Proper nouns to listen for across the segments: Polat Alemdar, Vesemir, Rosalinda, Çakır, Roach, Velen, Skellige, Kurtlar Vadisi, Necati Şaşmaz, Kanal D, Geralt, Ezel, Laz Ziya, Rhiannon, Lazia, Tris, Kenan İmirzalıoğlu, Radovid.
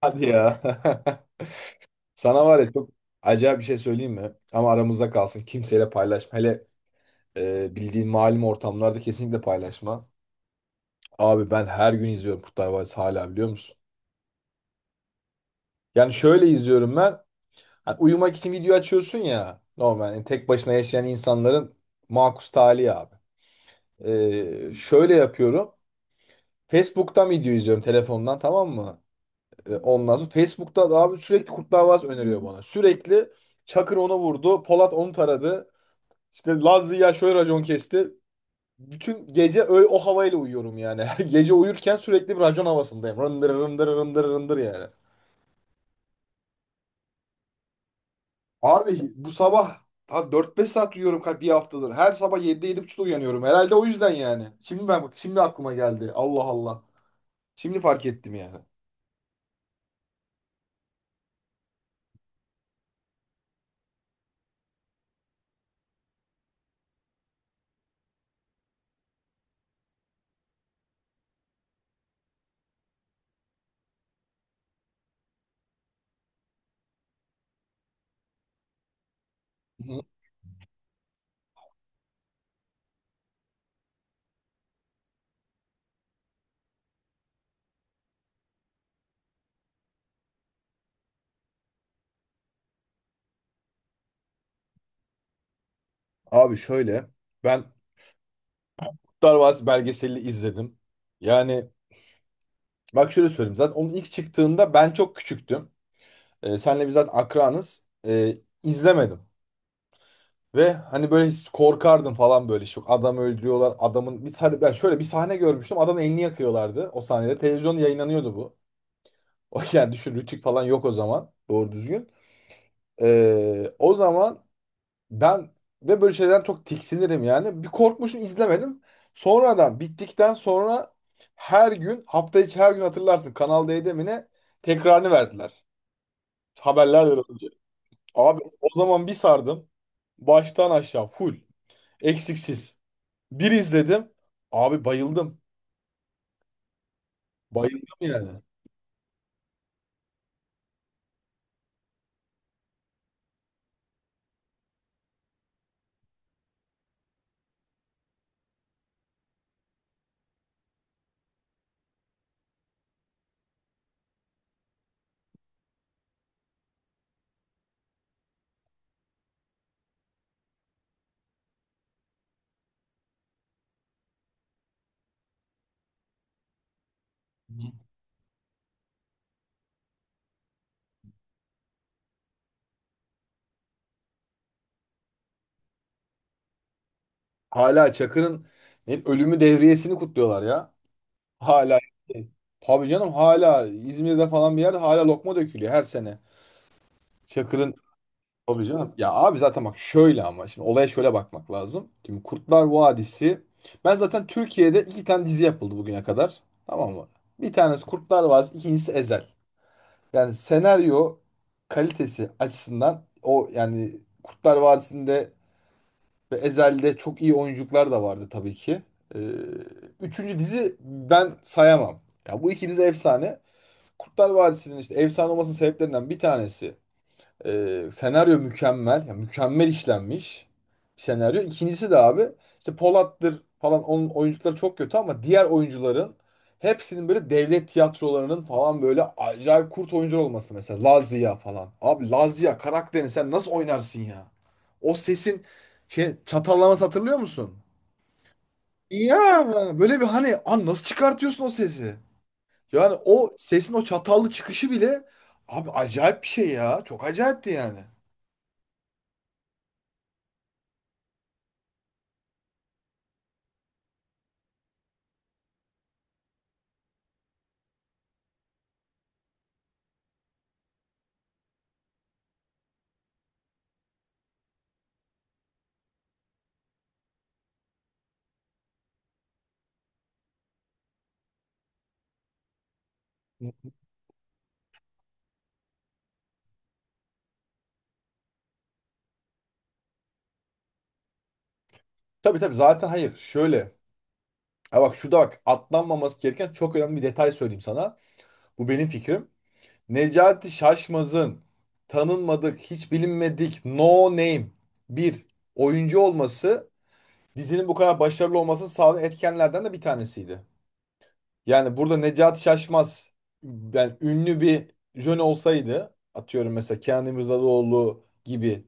Hadi ya. Sana var ya çok acayip bir şey söyleyeyim mi? Ama aramızda kalsın. Kimseyle paylaşma. Hele bildiğin malum ortamlarda kesinlikle paylaşma. Abi ben her gün izliyorum Kurtlar Vadisi hala, biliyor musun? Yani şöyle izliyorum ben. Hani uyumak için video açıyorsun ya. Normal yani, tek başına yaşayan insanların makus tali abi. Şöyle yapıyorum. Facebook'tan video izliyorum telefondan, tamam mı? Ondan sonra Facebook'ta da abi sürekli Kurtlar Vadisi öneriyor bana. Sürekli Çakır onu vurdu, Polat onu taradı. İşte Laz Ziya şöyle racon kesti. Bütün gece öyle o havayla uyuyorum yani. Gece uyurken sürekli bir racon havasındayım. Rındır rındır rındır rındır yani. Abi bu sabah ha, 4-5 saat uyuyorum kalp bir haftadır. Her sabah yedide yedi 7.30'da uyanıyorum. Herhalde o yüzden yani. Şimdi ben bak, şimdi aklıma geldi. Allah Allah. Şimdi fark ettim yani. Hı. Abi şöyle, ben Kurtlar Vadisi belgeselini izledim. Yani bak şöyle söyleyeyim, zaten onun ilk çıktığında ben çok küçüktüm. Senle biz zaten akranız. İzlemedim. Ve hani böyle korkardım falan böyle. Şu adam, öldürüyorlar. Adamın bir sahne, ben şöyle bir sahne görmüştüm. Adamın elini yakıyorlardı o sahnede. Televizyonda yayınlanıyordu bu. O yani düşün, Rütük falan yok o zaman. Doğru düzgün. O zaman ben, ve böyle şeyden çok tiksinirim yani. Bir korkmuşum, izlemedim. Sonradan bittikten sonra her gün, hafta içi her gün, hatırlarsın Kanal D'de mi ne, tekrarını verdiler. Haberlerle. Abi o zaman bir sardım. Baştan aşağı full. Eksiksiz. Bir izledim. Abi bayıldım. Bayıldım yani. Hı. Hala Çakır'ın yani ölümü devriyesini kutluyorlar ya. Hala. Tabii canım, hala İzmir'de falan bir yerde hala lokma dökülüyor her sene. Çakır'ın. Tabii canım. Ya abi zaten bak şöyle, ama şimdi olaya şöyle bakmak lazım. Şimdi Kurtlar Vadisi. Ben zaten Türkiye'de iki tane dizi yapıldı bugüne kadar, tamam mı? Bir tanesi Kurtlar Vadisi, ikincisi Ezel. Yani senaryo kalitesi açısından o yani, Kurtlar Vadisi'nde ve Ezel'de çok iyi oyuncular da vardı tabii ki. Ee, Üçüncü dizi ben sayamam. Ya bu iki dizi efsane. Kurtlar Vadisi'nin işte efsane olmasının sebeplerinden bir tanesi, senaryo mükemmel. Ya mükemmel işlenmiş bir senaryo. İkincisi de abi, işte Polat'tır falan onun oyuncuları çok kötü, ama diğer oyuncuların hepsinin böyle devlet tiyatrolarının falan böyle acayip kurt oyuncu olması mesela. Lazia falan. Abi Lazia karakterini sen nasıl oynarsın ya? O sesin şey, çatallaması, hatırlıyor musun? Ya böyle bir hani, an nasıl çıkartıyorsun o sesi? Yani o sesin o çatallı çıkışı bile abi, acayip bir şey ya. Çok acayipti yani. Tabii tabii, zaten hayır. Şöyle. Ha bak şurada bak, atlanmaması gereken çok önemli bir detay söyleyeyim sana. Bu benim fikrim. Necati Şaşmaz'ın tanınmadık, hiç bilinmedik, no name bir oyuncu olması, dizinin bu kadar başarılı olmasını sağlayan etkenlerden de bir tanesiydi. Yani burada Necati Şaşmaz yani ünlü bir jön olsaydı, atıyorum mesela Kenan İmirzalıoğlu gibi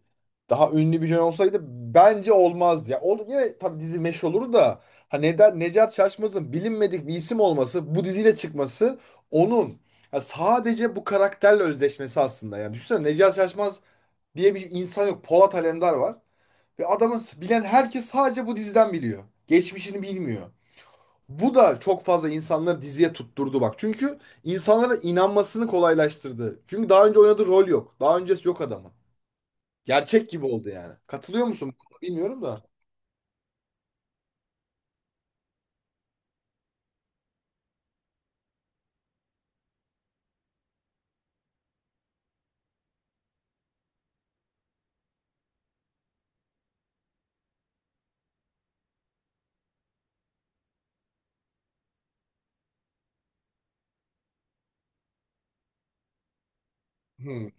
daha ünlü bir jön olsaydı, bence olmazdı. Ya ol, yine tabii dizi meş olur da, ha neden Necati Şaşmaz'ın bilinmedik bir isim olması, bu diziyle çıkması, onun ya sadece bu karakterle özdeşmesi aslında. Yani düşünsene, Necati Şaşmaz diye bir insan yok. Polat Alemdar var, ve adamın bilen herkes sadece bu diziden biliyor. Geçmişini bilmiyor. Bu da çok fazla insanları diziye tutturdu bak. Çünkü insanlara inanmasını kolaylaştırdı. Çünkü daha önce oynadığı rol yok. Daha öncesi yok adamın. Gerçek gibi oldu yani. Katılıyor musun? Bilmiyorum da. Hı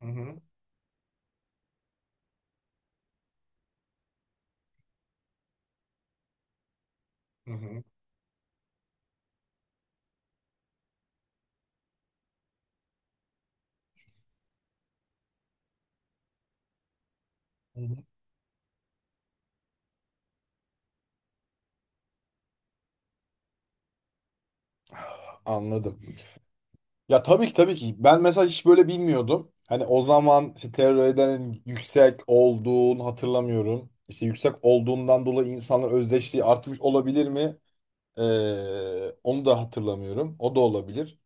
hı, hı hı. Hı. Hı. Anladım. Ya tabii ki, tabii ki. Ben mesela hiç böyle bilmiyordum. Hani o zaman işte terörlerin yüksek olduğunu hatırlamıyorum. İşte yüksek olduğundan dolayı insanların özdeşliği artmış olabilir mi? Onu da hatırlamıyorum. O da olabilir.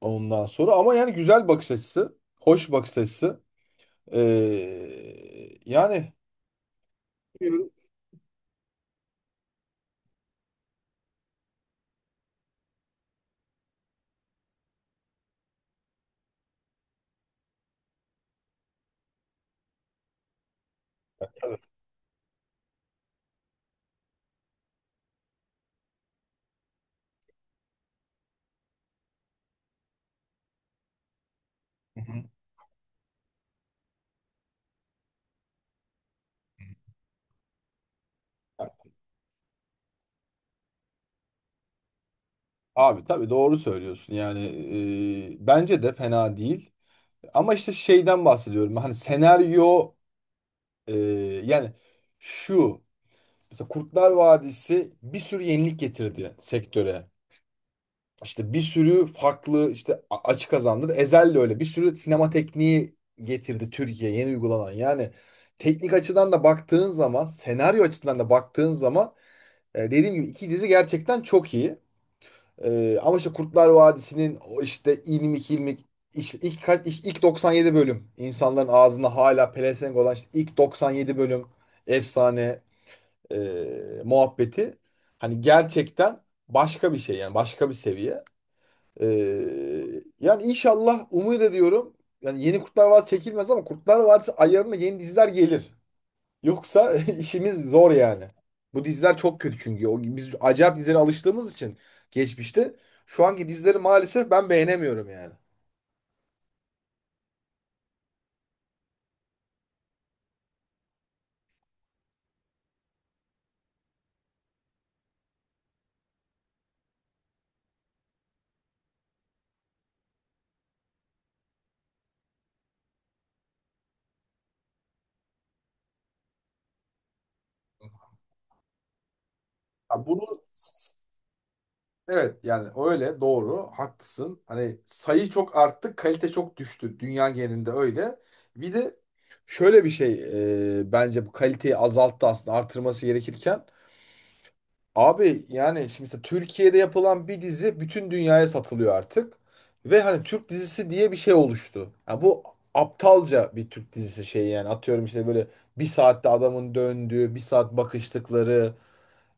Ondan sonra ama, yani güzel bakış açısı, hoş bakış açısı. Yani. Hı hı. Abi tabii doğru söylüyorsun. Yani bence de fena değil. Ama işte şeyden bahsediyorum. Hani senaryo, e, yani şu, mesela Kurtlar Vadisi bir sürü yenilik getirdi sektöre. İşte bir sürü farklı işte, açı kazandı. Ezel de öyle. Bir sürü sinema tekniği getirdi Türkiye, yeni uygulanan. Yani teknik açıdan da baktığın zaman, senaryo açısından da baktığın zaman, dediğim gibi iki dizi gerçekten çok iyi. Ama işte Kurtlar Vadisi'nin o işte ilmik ilmik işte ilk 97 bölüm, insanların ağzında hala pelesenk olan işte ilk 97 bölüm efsane muhabbeti, hani gerçekten başka bir şey yani, başka bir seviye. Yani inşallah umut ediyorum. Yani yeni Kurtlar Vadisi çekilmez ama Kurtlar Vadisi ayarında yeni diziler gelir. Yoksa işimiz zor yani. Bu diziler çok kötü çünkü. O, biz acayip dizilere alıştığımız için geçmişte, şu anki dizileri maalesef ben beğenemiyorum yani. Ya bunu, evet yani öyle, doğru haklısın. Hani sayı çok arttı, kalite çok düştü, dünya genelinde öyle. Bir de şöyle bir şey, bence bu kaliteyi azalttı aslında artırması gerekirken. Abi yani şimdi mesela Türkiye'de yapılan bir dizi bütün dünyaya satılıyor artık. Ve hani Türk dizisi diye bir şey oluştu. Ya bu aptalca bir Türk dizisi şey yani. Atıyorum işte böyle bir saatte adamın döndüğü, bir saat bakıştıkları,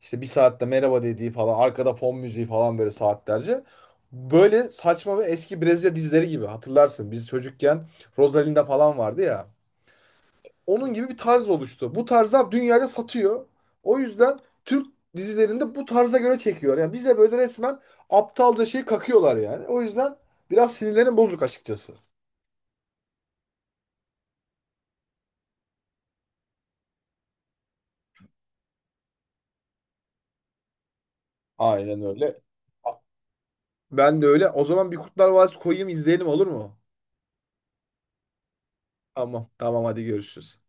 işte bir saatte merhaba dediği falan, arkada fon müziği falan böyle saatlerce. Böyle saçma ve eski Brezilya dizileri gibi, hatırlarsın, biz çocukken Rosalinda falan vardı ya. Onun gibi bir tarz oluştu. Bu tarzda dünyaya satıyor. O yüzden Türk dizilerinde bu tarza göre çekiyor. Yani bize böyle resmen aptalca şey kakıyorlar yani. O yüzden biraz sinirlerim bozuk açıkçası. Aynen öyle. Ben de öyle. O zaman bir Kurtlar Vadisi koyayım, izleyelim olur mu? Tamam. Tamam hadi görüşürüz.